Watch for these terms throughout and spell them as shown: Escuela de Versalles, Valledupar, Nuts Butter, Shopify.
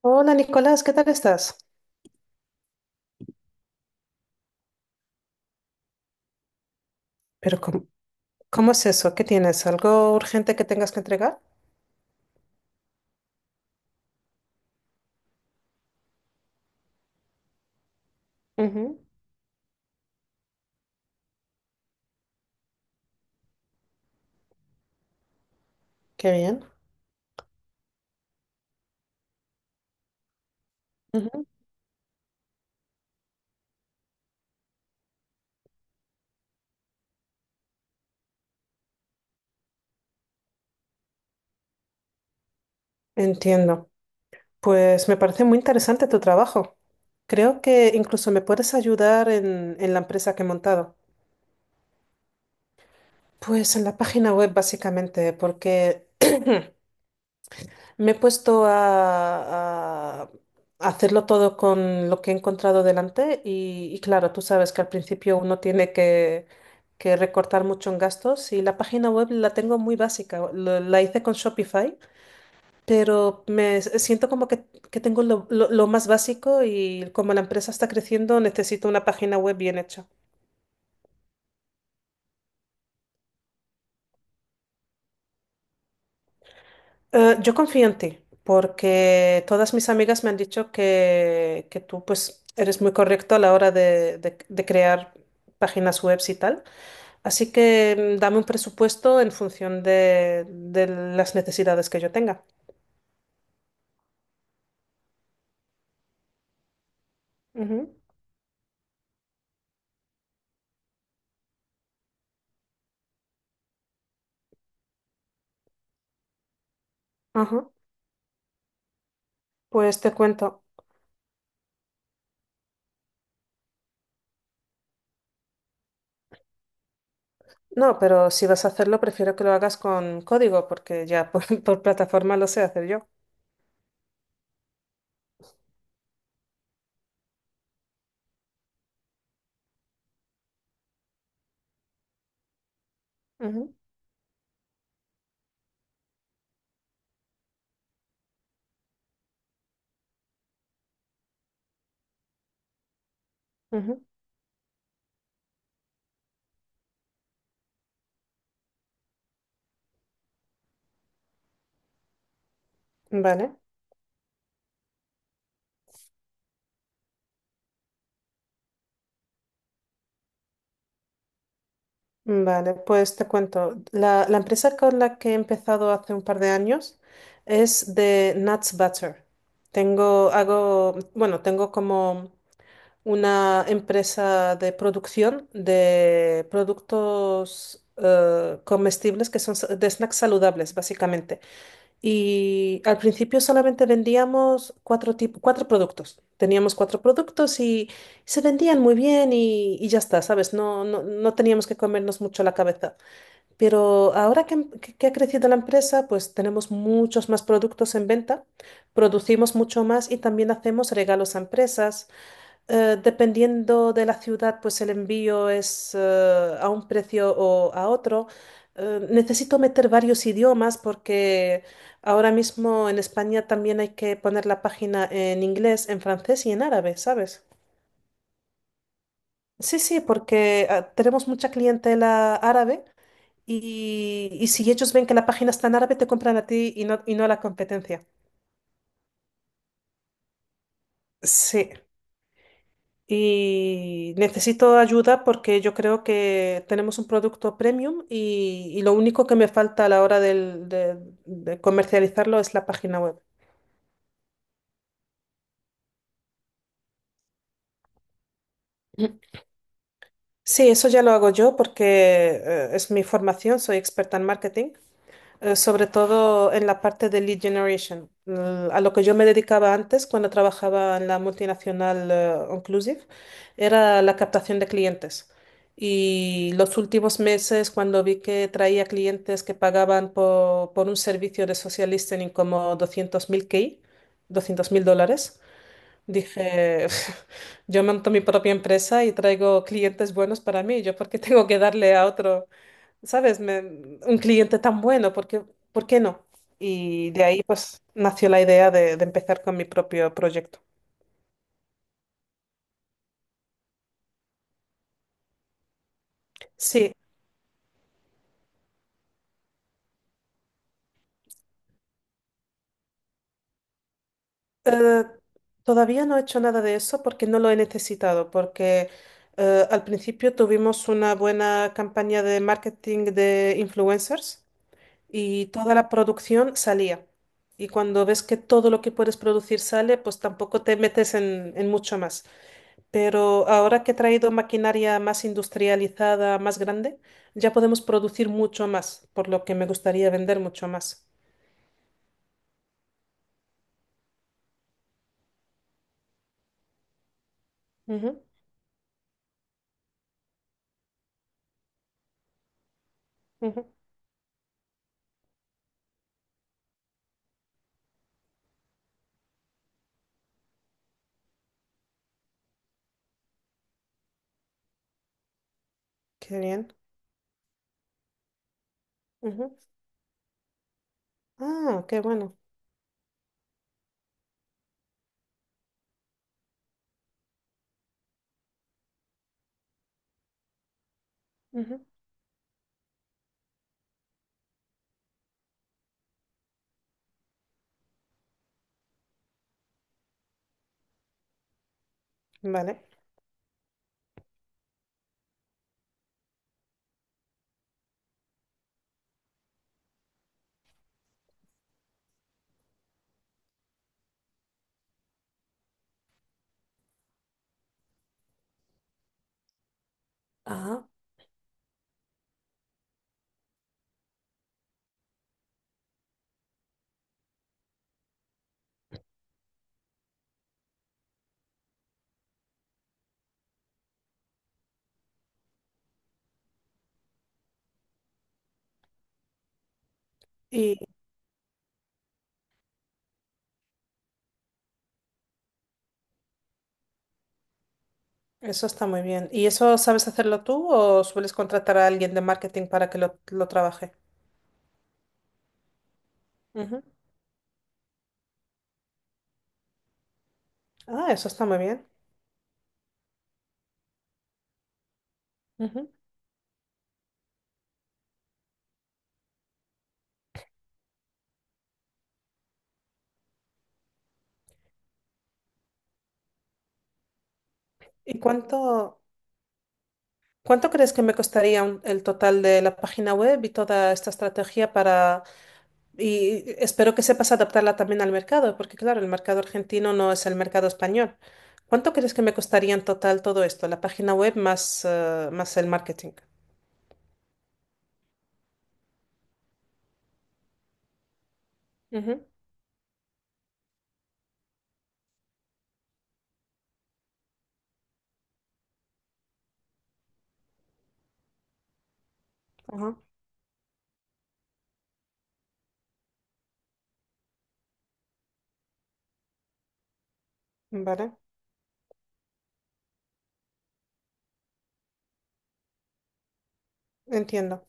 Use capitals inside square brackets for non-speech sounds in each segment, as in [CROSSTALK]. Hola Nicolás, ¿qué tal estás? Pero ¿cómo es eso? ¿Qué tienes? ¿Algo urgente que tengas que entregar? Ujú. Qué bien. Ujú. Entiendo. Pues me parece muy interesante tu trabajo. Creo que incluso me puedes ayudar en la empresa que he montado. Pues en la página web básicamente, porque me he puesto a hacerlo todo con lo que he encontrado delante y claro, tú sabes que al principio uno tiene que recortar mucho en gastos y la página web la tengo muy básica, la hice con Shopify, pero me siento como que tengo lo más básico y como la empresa está creciendo necesito una página web bien hecha. Yo confío en ti, porque todas mis amigas me han dicho que tú pues eres muy correcto a la hora de crear páginas web y tal. Así que dame un presupuesto en función de las necesidades que yo tenga. Ujú. Ajá. Pues te cuento. No, pero si vas a hacerlo, prefiero que lo hagas con código, porque ya por, [LAUGHS] por plataforma lo sé hacer yo. Ujú. Ujú. Vale. Vale, pues te cuento. La empresa con la que he empezado hace un par de años es de Nuts Butter. Tengo, hago, bueno, tengo como una empresa de producción de productos comestibles que son de snacks saludables, básicamente. Y al principio solamente vendíamos cuatro productos. Teníamos cuatro productos y se vendían muy bien y ya está, ¿sabes? No, no, no teníamos que comernos mucho la cabeza. Pero ahora que ha crecido la empresa, pues tenemos muchos más productos en venta, producimos mucho más y también hacemos regalos a empresas. Dependiendo de la ciudad, pues el envío es a un precio o a otro. Necesito meter varios idiomas porque ahora mismo en España también hay que poner la página en inglés, en francés y en árabe, ¿sabes? Sí, sí, porque tenemos mucha clientela árabe y si ellos ven que la página está en árabe, te compran a ti y no a la competencia. Sí. Y necesito ayuda porque yo creo que tenemos un producto premium y lo único que me falta a la hora de comercializarlo es la página web. Sí, eso ya lo hago yo porque es mi formación, soy experta en marketing. Sobre todo en la parte de lead generation, a lo que yo me dedicaba antes cuando trabajaba en la multinacional Inclusive, era la captación de clientes. Y los últimos meses, cuando vi que traía clientes que pagaban por un servicio de social listening como 200.000 K, $200.000, dije, [LAUGHS] yo monto mi propia empresa y traigo clientes buenos para mí, yo porque tengo que darle a otro. ¿Sabes? Un cliente tan bueno, ¿por qué no? Y de ahí pues nació la idea de empezar con mi propio proyecto. Sí, eh, todavía no he hecho nada de eso porque no lo he necesitado, porque al principio tuvimos una buena campaña de marketing de influencers y toda la producción salía. Y cuando ves que todo lo que puedes producir sale, pues tampoco te metes en mucho más. Pero ahora que he traído maquinaria más industrializada, más grande, ya podemos producir mucho más, por lo que me gustaría vender mucho más. Ujú. Ujú. Qué bien. Ujú. Ah, qué bueno. Ujú. Vale. Ah, y eso está muy bien. ¿Y eso sabes hacerlo tú o sueles contratar a alguien de marketing para que lo trabaje? Ujú. Ah, eso está muy bien. Ujú. ¿Y cuánto crees que me costaría el total de la página web y toda esta estrategia para? Y espero que sepas adaptarla también al mercado, porque claro, el mercado argentino no es el mercado español. ¿Cuánto crees que me costaría en total todo esto? La página web más el marketing. Ujú. Ajá. Vale, entiendo.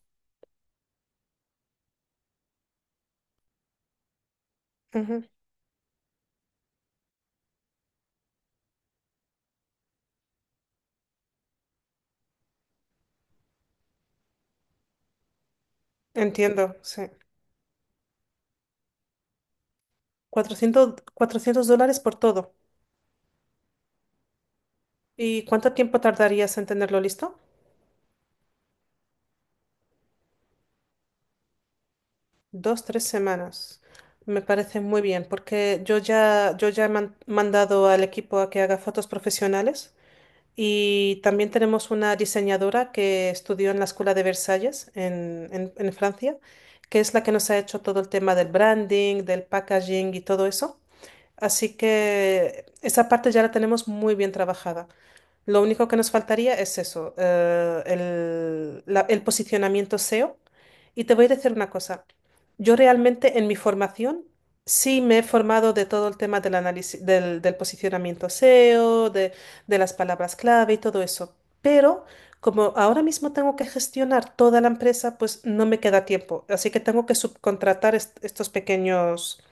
Ujú. Entiendo, sí. 400, $400 por todo. ¿Y cuánto tiempo tardarías en tenerlo listo? 2, 3 semanas. Me parece muy bien, porque yo ya he mandado al equipo a que haga fotos profesionales. Y también tenemos una diseñadora que estudió en la Escuela de Versalles en Francia, que es la que nos ha hecho todo el tema del branding, del packaging y todo eso. Así que esa parte ya la tenemos muy bien trabajada. Lo único que nos faltaría es eso, el posicionamiento SEO. Y te voy a decir una cosa. Yo realmente en mi formación sí me he formado de todo el tema del análisis, del posicionamiento SEO, de las palabras clave y todo eso. Pero como ahora mismo tengo que gestionar toda la empresa, pues no me queda tiempo. Así que tengo que subcontratar estos pequeños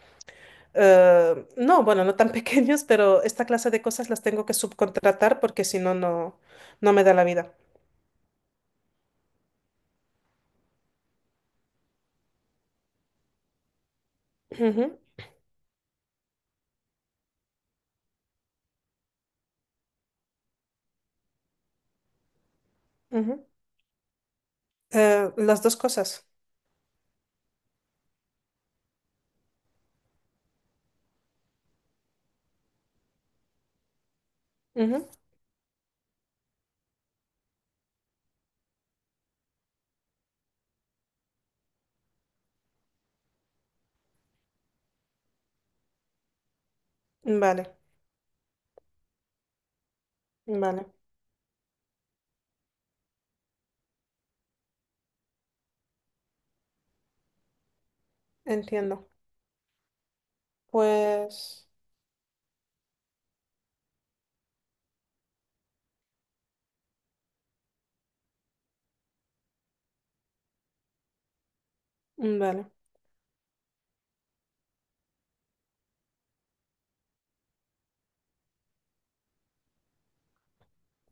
no, bueno, no tan [LAUGHS] pequeños, pero esta clase de cosas las tengo que subcontratar porque si no, no me da la vida. Ujú. Ujú. Las dos cosas. Ujú. Vale, vale, entiendo. Pues, vale,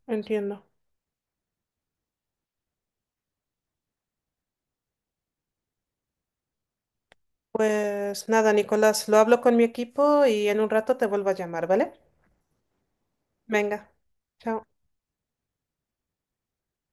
entiendo. Pues nada, Nicolás, lo hablo con mi equipo y en un rato te vuelvo a llamar, ¿vale? Venga, chao.